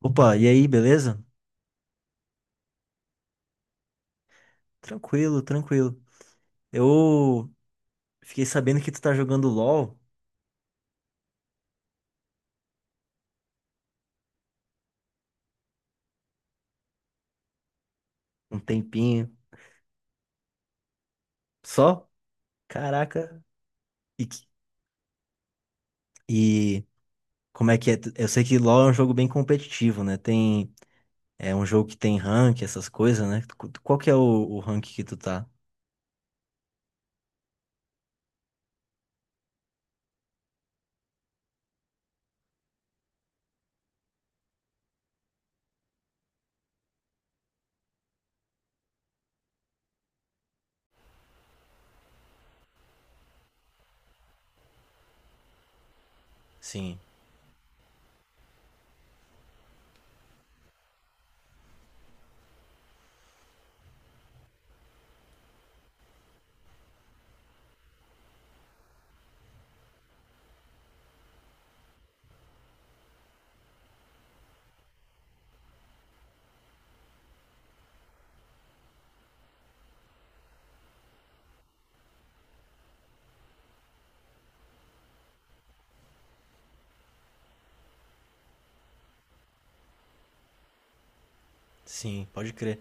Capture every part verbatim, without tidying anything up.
Opa, e aí, beleza? Tranquilo, tranquilo. Eu fiquei sabendo que tu tá jogando LoL um tempinho só? Caraca. E, que- e como é que é? Eu sei que LoL é um jogo bem competitivo, né? Tem, é um jogo que tem rank, essas coisas, né? Qu- Qual que é o, o rank que tu tá? Sim, sim, pode crer.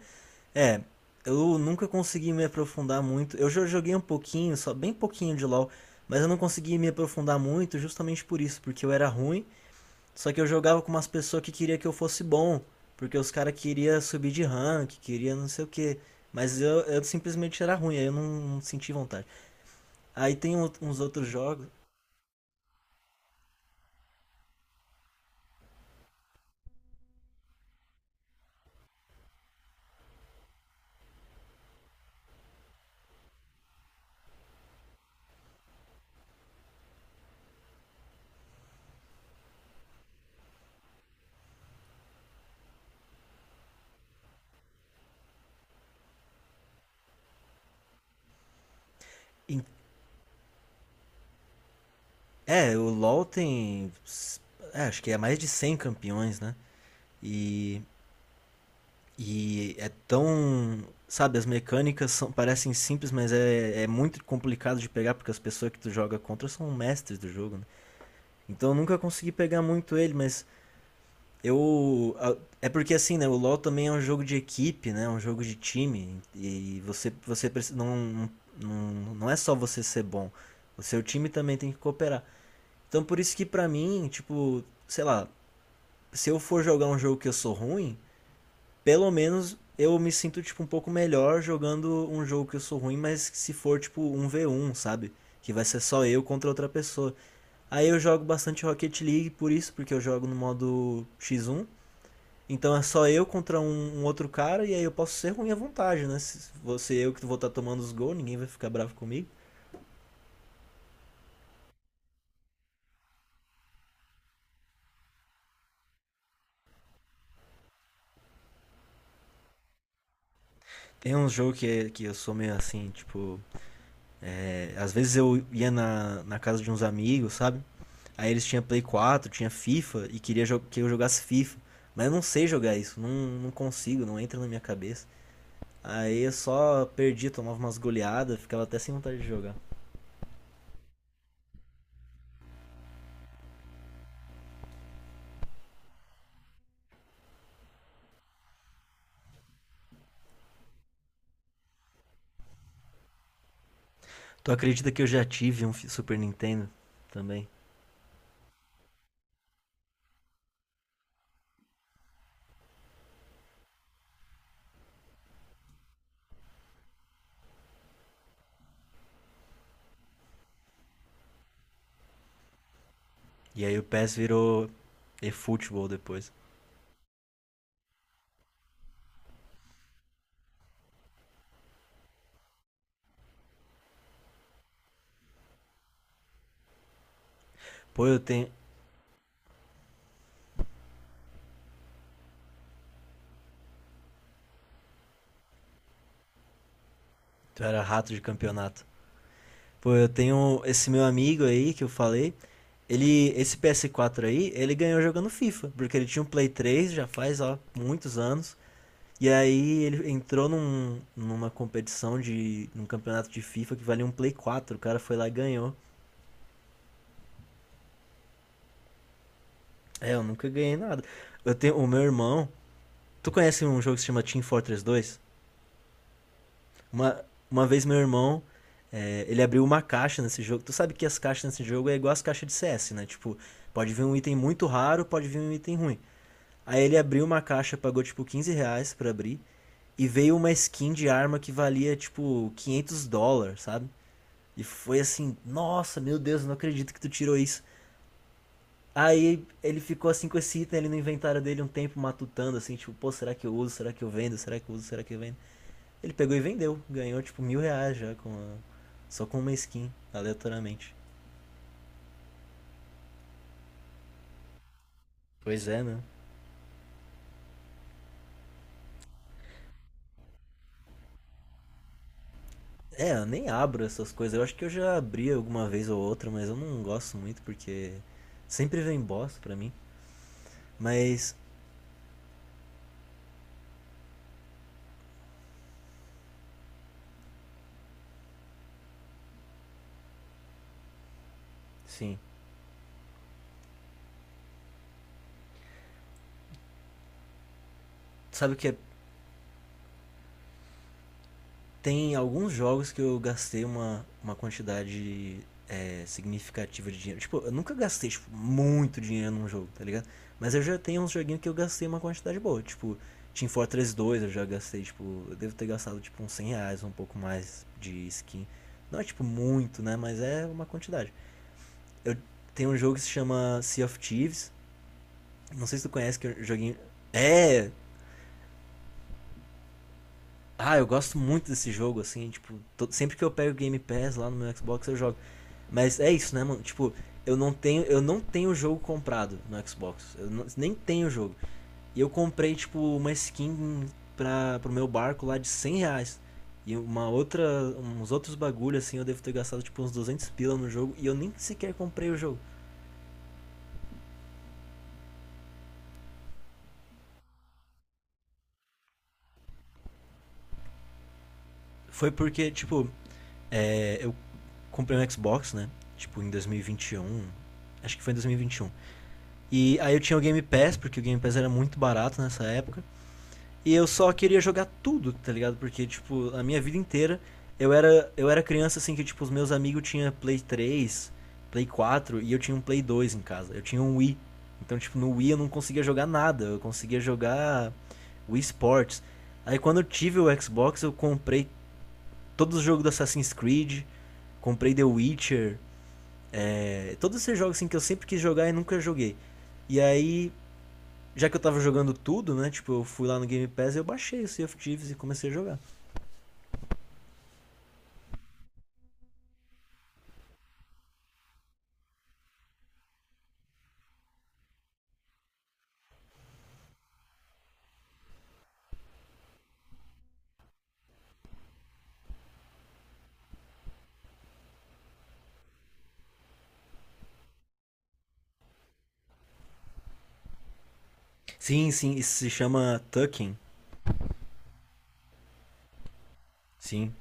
É, eu nunca consegui me aprofundar muito. Eu já joguei um pouquinho, só bem pouquinho de LoL, mas eu não consegui me aprofundar muito justamente por isso, porque eu era ruim. Só que eu jogava com umas pessoas que queria que eu fosse bom, porque os caras queriam subir de rank, queria não sei o que. Mas eu, eu simplesmente era ruim, aí eu não, não senti vontade. Aí tem o- uns outros jogos. É, o LoL tem. É, acho que é mais de cem campeões, né? E, e é tão. Sabe, as mecânicas são, parecem simples, mas é, é muito complicado de pegar, porque as pessoas que tu joga contra são mestres do jogo, né? Então eu nunca consegui pegar muito ele, mas eu. É porque assim, né? O LoL também é um jogo de equipe, né? É um jogo de time. E você, você preci- não, não, não é só você ser bom. O seu time também tem que cooperar. Então por isso que pra mim, tipo, sei lá, se eu for jogar um jogo que eu sou ruim, pelo menos eu me sinto, tipo, um pouco melhor jogando um jogo que eu sou ruim, mas se for, tipo, um v um sabe? Que vai ser só eu contra outra pessoa. Aí eu jogo bastante Rocket League por isso, porque eu jogo no modo X um. Então é só eu contra um, um outro cara e aí eu posso ser ruim à vontade, né? Se você eu que vou estar tomando os gols, ninguém vai ficar bravo comigo. É um jogo que, é- que eu sou meio assim, tipo. É, às vezes eu ia na, na casa de uns amigos, sabe? Aí eles tinham Play quatro, tinha FIFA e queria que eu jogasse FIFA. Mas eu não sei jogar isso, não, não consigo, não entra na minha cabeça. Aí eu só perdi tomava umas goleadas, ficava até sem vontade de jogar. Tu acredita que eu já tive um Super Nintendo também? E aí o PES virou eFootball depois. Pô, eu tenho. Tu era rato de campeonato. Pô, eu tenho esse meu amigo aí que eu falei. Ele, esse ps quatro aí, ele ganhou jogando FIFA, porque ele tinha um Play três já faz ó, muitos anos. E aí ele entrou num, numa competição de. Num campeonato de FIFA que valia um Play quatro. O cara foi lá e ganhou. É, eu nunca ganhei nada. Eu tenho o meu irmão. Tu conhece um jogo que se chama Team Fortress dois? Uma, uma vez meu irmão, é, ele abriu uma caixa nesse jogo. Tu sabe que as caixas nesse jogo é igual as caixas de C S, né? Tipo, pode vir um item muito raro, pode vir um item ruim. Aí ele abriu uma caixa, pagou tipo quinze reais pra abrir. E veio uma skin de arma que valia tipo quinhentos dólares, sabe? E foi assim, nossa, meu Deus, não acredito que tu tirou isso. Aí ele ficou assim com esse item ali no inventário dele um tempo matutando, assim, tipo, pô, será que eu uso? Será que eu vendo? Será que eu uso? Será que eu vendo? Ele pegou e vendeu. Ganhou, tipo, mil reais já com a- só com uma skin, aleatoriamente. Pois é, né? É, eu nem abro essas coisas. Eu acho que eu já abri alguma vez ou outra, mas eu não gosto muito porque sempre vem bosta pra mim. Mas, sim. Sabe o que é? Tem alguns jogos que eu gastei uma, uma quantidade é, significativa de dinheiro. Tipo, eu nunca gastei tipo, muito dinheiro num jogo, tá ligado? Mas eu já tenho uns joguinhos que eu gastei uma quantidade boa. Tipo, Team Fortress dois eu já gastei, tipo, eu devo ter gastado tipo uns cem reais, um pouco mais de skin. Não é tipo muito, né? Mas é uma quantidade. Eu tenho um jogo que se chama Sea of Thieves. Não sei se tu conhece que é um joguinho. É! Ah, eu gosto muito desse jogo, assim, tipo, to- sempre que eu pego o Game Pass lá no meu Xbox eu jogo. Mas é isso, né, mano? Tipo, eu não tenho, eu não tenho o jogo comprado no Xbox. Eu não- Nem tenho o jogo. E eu comprei, tipo, uma skin pra, pro meu barco lá de cem reais. E uma outra, uns outros bagulho, assim, eu devo ter gastado, tipo, uns duzentos pila no jogo. E eu nem sequer comprei o jogo. Foi porque, tipo, é, eu comprei um Xbox, né? Tipo, em dois mil e vinte e um. Acho que foi em dois mil e vinte e um. E aí eu tinha o Game Pass, porque o Game Pass era muito barato nessa época. E eu só queria jogar tudo, tá ligado? Porque, tipo, a minha vida inteira eu era, eu era criança assim que, tipo, os meus amigos tinham Play três, Play quatro e eu tinha um Play dois em casa. Eu tinha um Wii. Então, tipo, no Wii eu não conseguia jogar nada. Eu conseguia jogar Wii Sports. Aí quando eu tive o Xbox, eu comprei todos os jogos do Assassin's Creed, comprei The Witcher, é, todos esses jogos assim que eu sempre quis jogar e nunca joguei. E aí já que eu tava jogando tudo, né? Tipo, eu fui lá no Game Pass e eu baixei o Sea of Thieves e comecei a jogar. Sim, sim, isso se chama Tucking. Sim.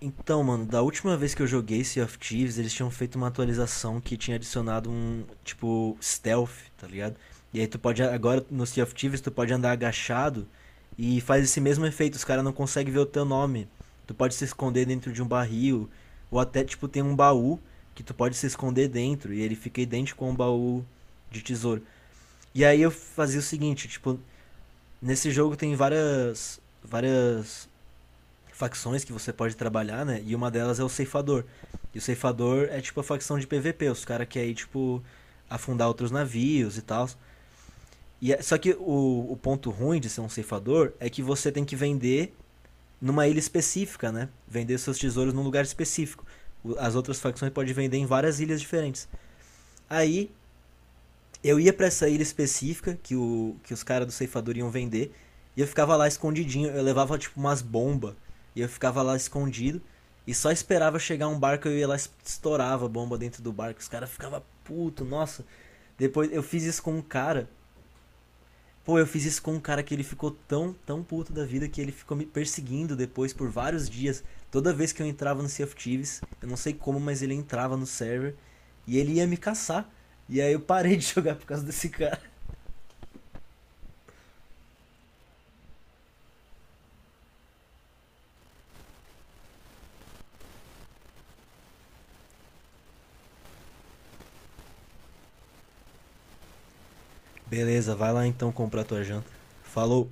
Então, mano, da última vez que eu joguei Sea of Thieves, eles tinham feito uma atualização que tinha adicionado um, tipo, stealth, tá ligado? E aí tu pode, agora no Sea of Thieves, tu pode andar agachado e faz esse mesmo efeito, os caras não conseguem ver o teu nome. Tu pode se esconder dentro de um barril, ou até, tipo, tem um baú que tu pode se esconder dentro e ele fica idêntico a um baú de tesouro. E aí eu fazia o seguinte, tipo, nesse jogo tem várias várias facções que você pode trabalhar, né? E uma delas é o ceifador. E o ceifador é tipo a facção de P V P, os caras que aí tipo afundar outros navios e tal. E é- só que o, o ponto ruim de ser um ceifador é que você tem que vender numa ilha específica, né? Vender seus tesouros num lugar específico. As outras facções podem vender em várias ilhas diferentes. Aí eu ia para essa ilha específica que, o, que os caras do ceifador iam vender. E eu ficava lá escondidinho. Eu levava tipo umas bombas. E eu ficava lá escondido. E só esperava chegar um barco, eu ia lá estourava a bomba dentro do barco. Os caras ficavam puto, nossa. Depois eu fiz isso com um cara. Pô, eu fiz isso com um cara que ele ficou tão, tão puto da vida que ele ficou me perseguindo depois por vários dias. Toda vez que eu entrava no Sea of Thieves, eu não sei como, mas ele entrava no server e ele ia me caçar. E aí eu parei de jogar por causa desse cara. Beleza, vai lá então comprar tua janta. Falou.